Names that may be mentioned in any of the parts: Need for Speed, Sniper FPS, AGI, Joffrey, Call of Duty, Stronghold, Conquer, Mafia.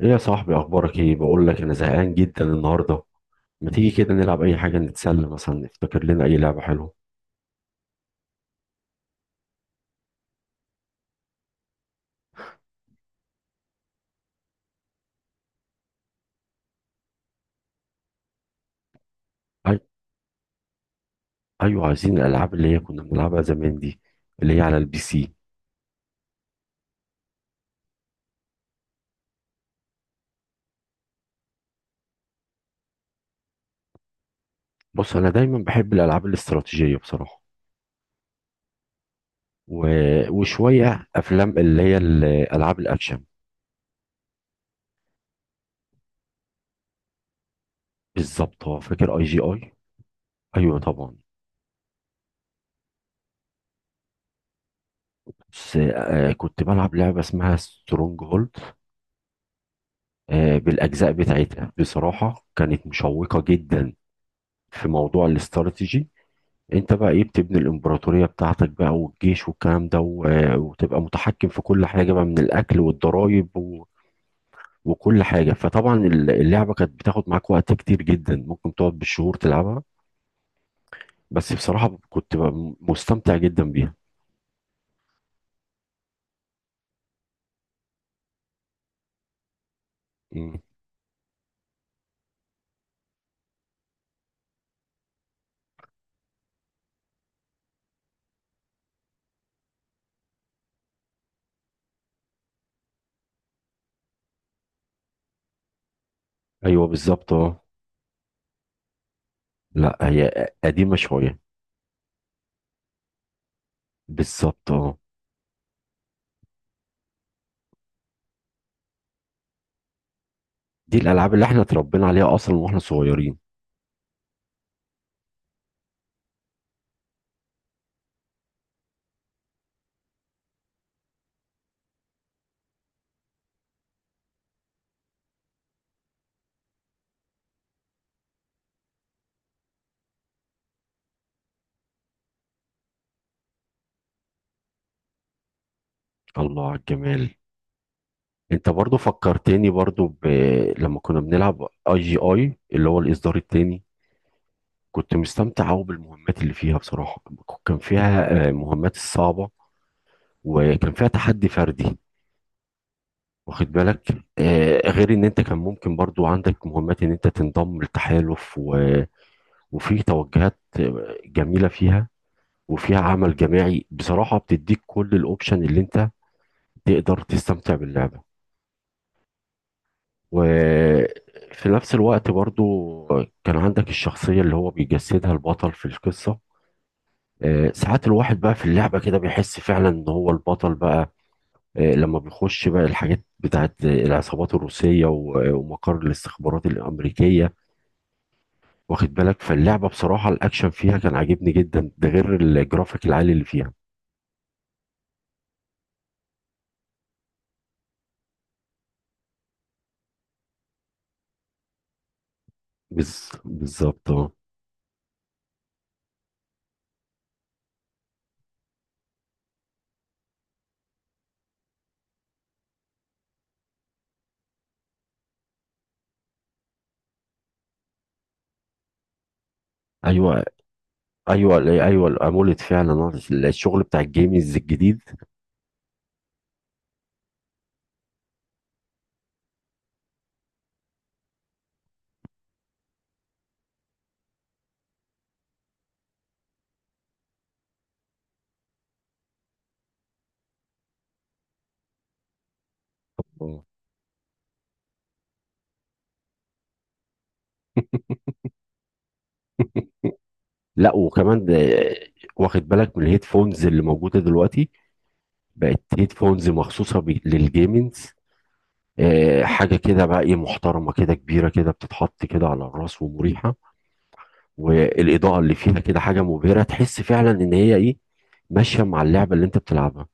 ايه يا صاحبي، اخبارك؟ ايه، بقول لك انا زهقان جدا النهارده. ما تيجي كده نلعب اي حاجه نتسلى، مثلا نفتكر لنا اي لعبه حلوه؟ أي... ايوه، عايزين الالعاب اللي هي كنا بنلعبها زمان دي، اللي هي على البي سي. بص، انا دايما بحب الالعاب الاستراتيجيه بصراحه، و... وشويه افلام اللي هي الالعاب الاكشن. بالظبط، هو فاكر اي جي اي. ايوه طبعا. بس آه، كنت بلعب لعبه اسمها سترونج هولد. آه، بالاجزاء بتاعتها بصراحه كانت مشوقه جدا في موضوع الاستراتيجي. انت بقى ايه، بتبني الامبراطورية بتاعتك بقى والجيش والكلام ده، و- وتبقى متحكم في كل حاجة بقى من الاكل والضرائب وكل حاجة. فطبعا اللعبة كانت بتاخد معاك وقت كتير جدا، ممكن تقعد بالشهور تلعبها. بس بصراحة كنت بقى مستمتع جدا بيها. مم. ايوه بالظبط اه. لا هي قديمة شوية. بالظبط اه. دي الالعاب اللي احنا اتربينا عليها اصلا واحنا صغيرين. الله على الجمال. انت برضو فكرتني برضو. لما كنا بنلعب اي جي اي اللي هو الاصدار التاني، كنت مستمتع أوي بالمهمات اللي فيها بصراحة. كان فيها مهمات الصعبة، وكان فيها تحدي فردي. واخد بالك، غير ان انت كان ممكن برضو عندك مهمات ان انت تنضم للتحالف وفي توجهات جميلة فيها، وفيها عمل جماعي. بصراحة بتديك كل الاوبشن اللي انت تقدر تستمتع باللعبة. وفي نفس الوقت برضو كان عندك الشخصية اللي هو بيجسدها البطل في القصة. ساعات الواحد بقى في اللعبة كده بيحس فعلا ان هو البطل بقى. لما بيخش بقى الحاجات بتاعت العصابات الروسية ومقر الاستخبارات الأمريكية. واخد بالك، فاللعبة بصراحة الأكشن فيها كان عاجبني جدا، ده غير الجرافيك العالي اللي فيها. بالظبط اه. ايوه ايوه ايوه، الاموليد فعلا. الشغل بتاع الجيمز الجديد. آه. لا وكمان ده. واخد بالك من الهيدفونز اللي موجوده دلوقتي، بقت هيدفونز مخصوصه للجيمنز. حاجة كده بقى ايه، محترمة كده، كبيرة كده، بتتحط كده على الراس ومريحة. والإضاءة اللي فيها كده حاجة مبهرة، تحس فعلا إن هي ايه، ماشية مع اللعبة اللي أنت بتلعبها.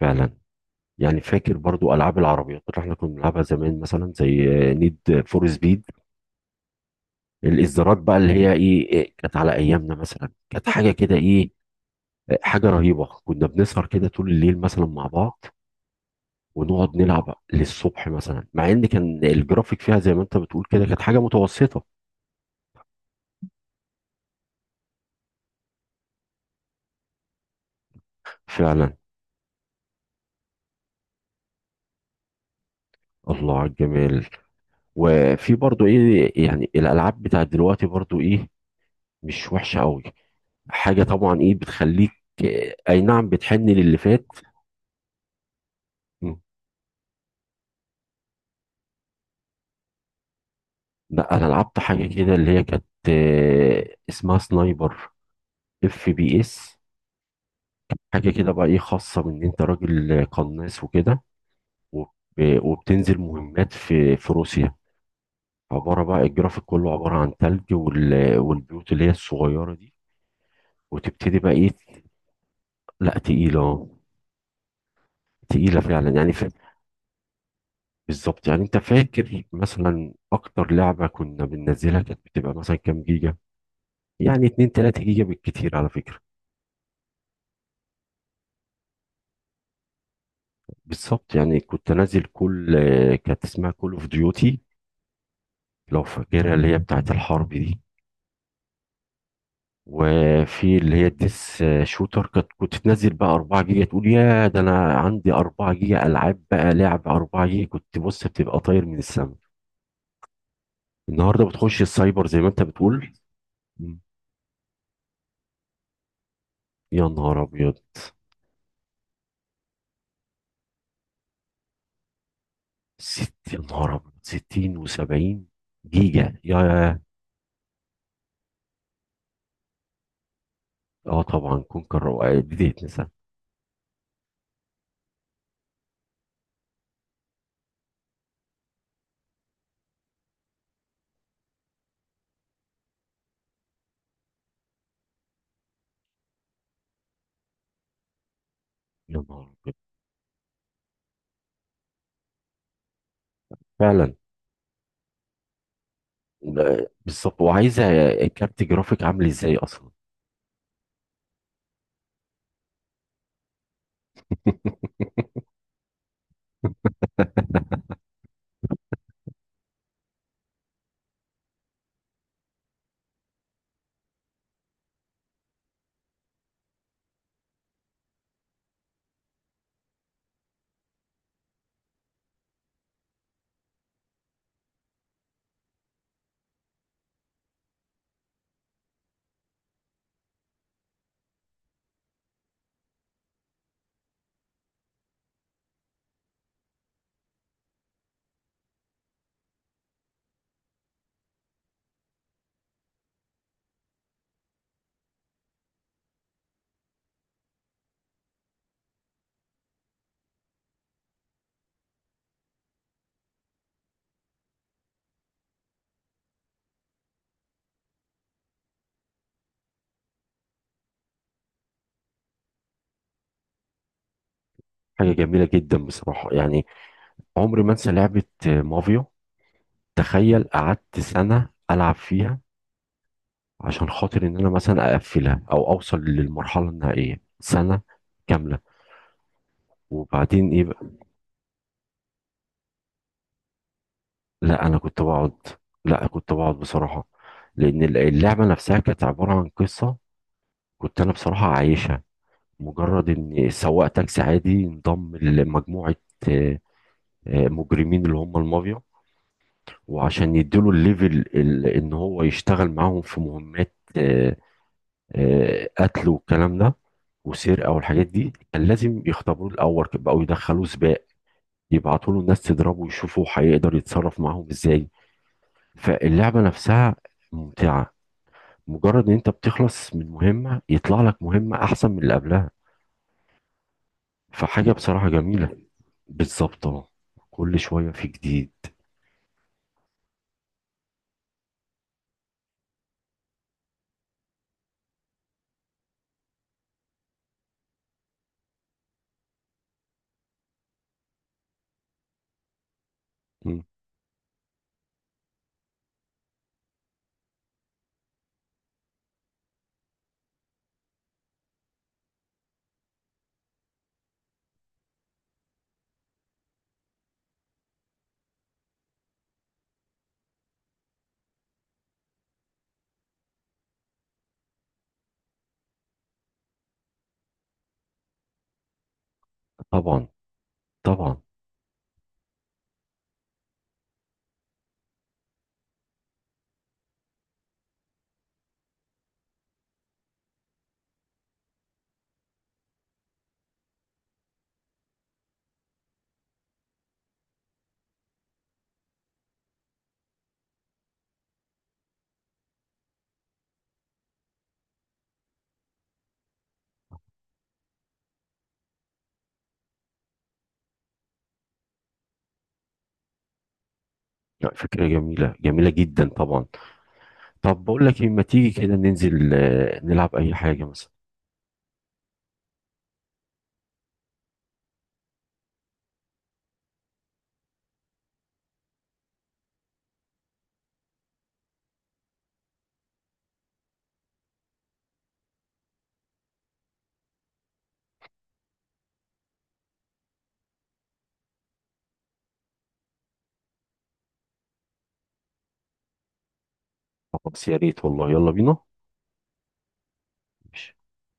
فعلا. يعني فاكر برضو ألعاب العربيات اللي احنا كنا بنلعبها زمان، مثلا زي نيد فور سبيد. الإصدارات بقى اللي هي ايه إيه، كانت على أيامنا مثلا كانت حاجة كده ايه، حاجة رهيبة. كنا بنسهر كده طول الليل مثلا مع بعض ونقعد نلعب للصبح مثلا، مع ان كان الجرافيك فيها زي ما انت بتقول كده كانت حاجة متوسطة. فعلا. الله على الجمال. وفي برضو ايه، يعني الالعاب بتاعت دلوقتي برضو ايه، مش وحشه قوي، حاجه طبعا ايه بتخليك، اي نعم، بتحن للي فات. مم. لا، انا لعبت حاجه كده اللي هي كانت، اسمها سنايبر اف بي اس. حاجه كده بقى ايه، خاصه بان انت راجل قناص وكده، وب- وبتنزل مهمات في روسيا. عباره بقى الجرافيك كله عباره عن ثلج والبيوت اللي هي الصغيره دي، وتبتدي بقى ايه. لا تقيلة. تقيلة فعلا يعني. بالظبط. يعني انت فاكر مثلا اكتر لعبة كنا بننزلها كانت بتبقى مثلا كام جيجا؟ يعني 2 3 جيجا بالكتير على فكرة. بالظبط. يعني كنت انزل كل كانت اسمها كول اوف ديوتي، لو فاكرها، اللي هي بتاعت الحرب دي. وفي اللي هي الديس شوتر. كانت كنت تنزل بقى 4 جيجا، تقول يا ده انا عندي 4 جيجا العاب، بقى لعب 4 جيجا كنت بص بتبقى طاير من السما. النهارده بتخش السايبر زي ما انت بتقول. يا نهار ابيض. ست يا نهار أبيض. 60 و70 جيجا يا. اه طبعا كونكر دي تنسى. يا نهار أبيض. فعلا. لا، بالظبط. وعايزه كارت جرافيك عامل ازاي اصلا. حاجه جميله جدا بصراحه يعني. عمري ما انسى لعبه مافيا. تخيل قعدت سنة العب فيها، عشان خاطر ان انا مثلا اقفلها او اوصل للمرحله النهائيه سنة كامله. وبعدين ايه. لا انا كنت بقعد. لا كنت بقعد بصراحه. لان اللعبه نفسها كانت عباره عن قصه، كنت انا بصراحه عايشها. مجرد ان سواق تاكسي عادي انضم لمجموعه، آه، مجرمين اللي هم المافيا. وعشان يديله الليفل، ان هو يشتغل معاهم في مهمات، قتل والكلام ده وسرقه والحاجات دي، كان لازم يختبروه الاول. بقوا يدخلوه سباق، يبعتوا له ناس تضربه ويشوفوا هيقدر يتصرف معاهم ازاي. فاللعبه نفسها ممتعه. مجرد ان انت بتخلص من مهمة يطلع لك مهمة احسن من اللي قبلها، فحاجة بصراحة جميلة. بالظبط اه. كل شوية في جديد. مم. طبعا. طبعا. لا، فكرة جميلة جميلة جدا طبعا. طب بقول لك إيه، ما تيجي كده ننزل نلعب اي حاجة مثلا؟ خلاص يا ريت والله، يلا بينا. ماشي.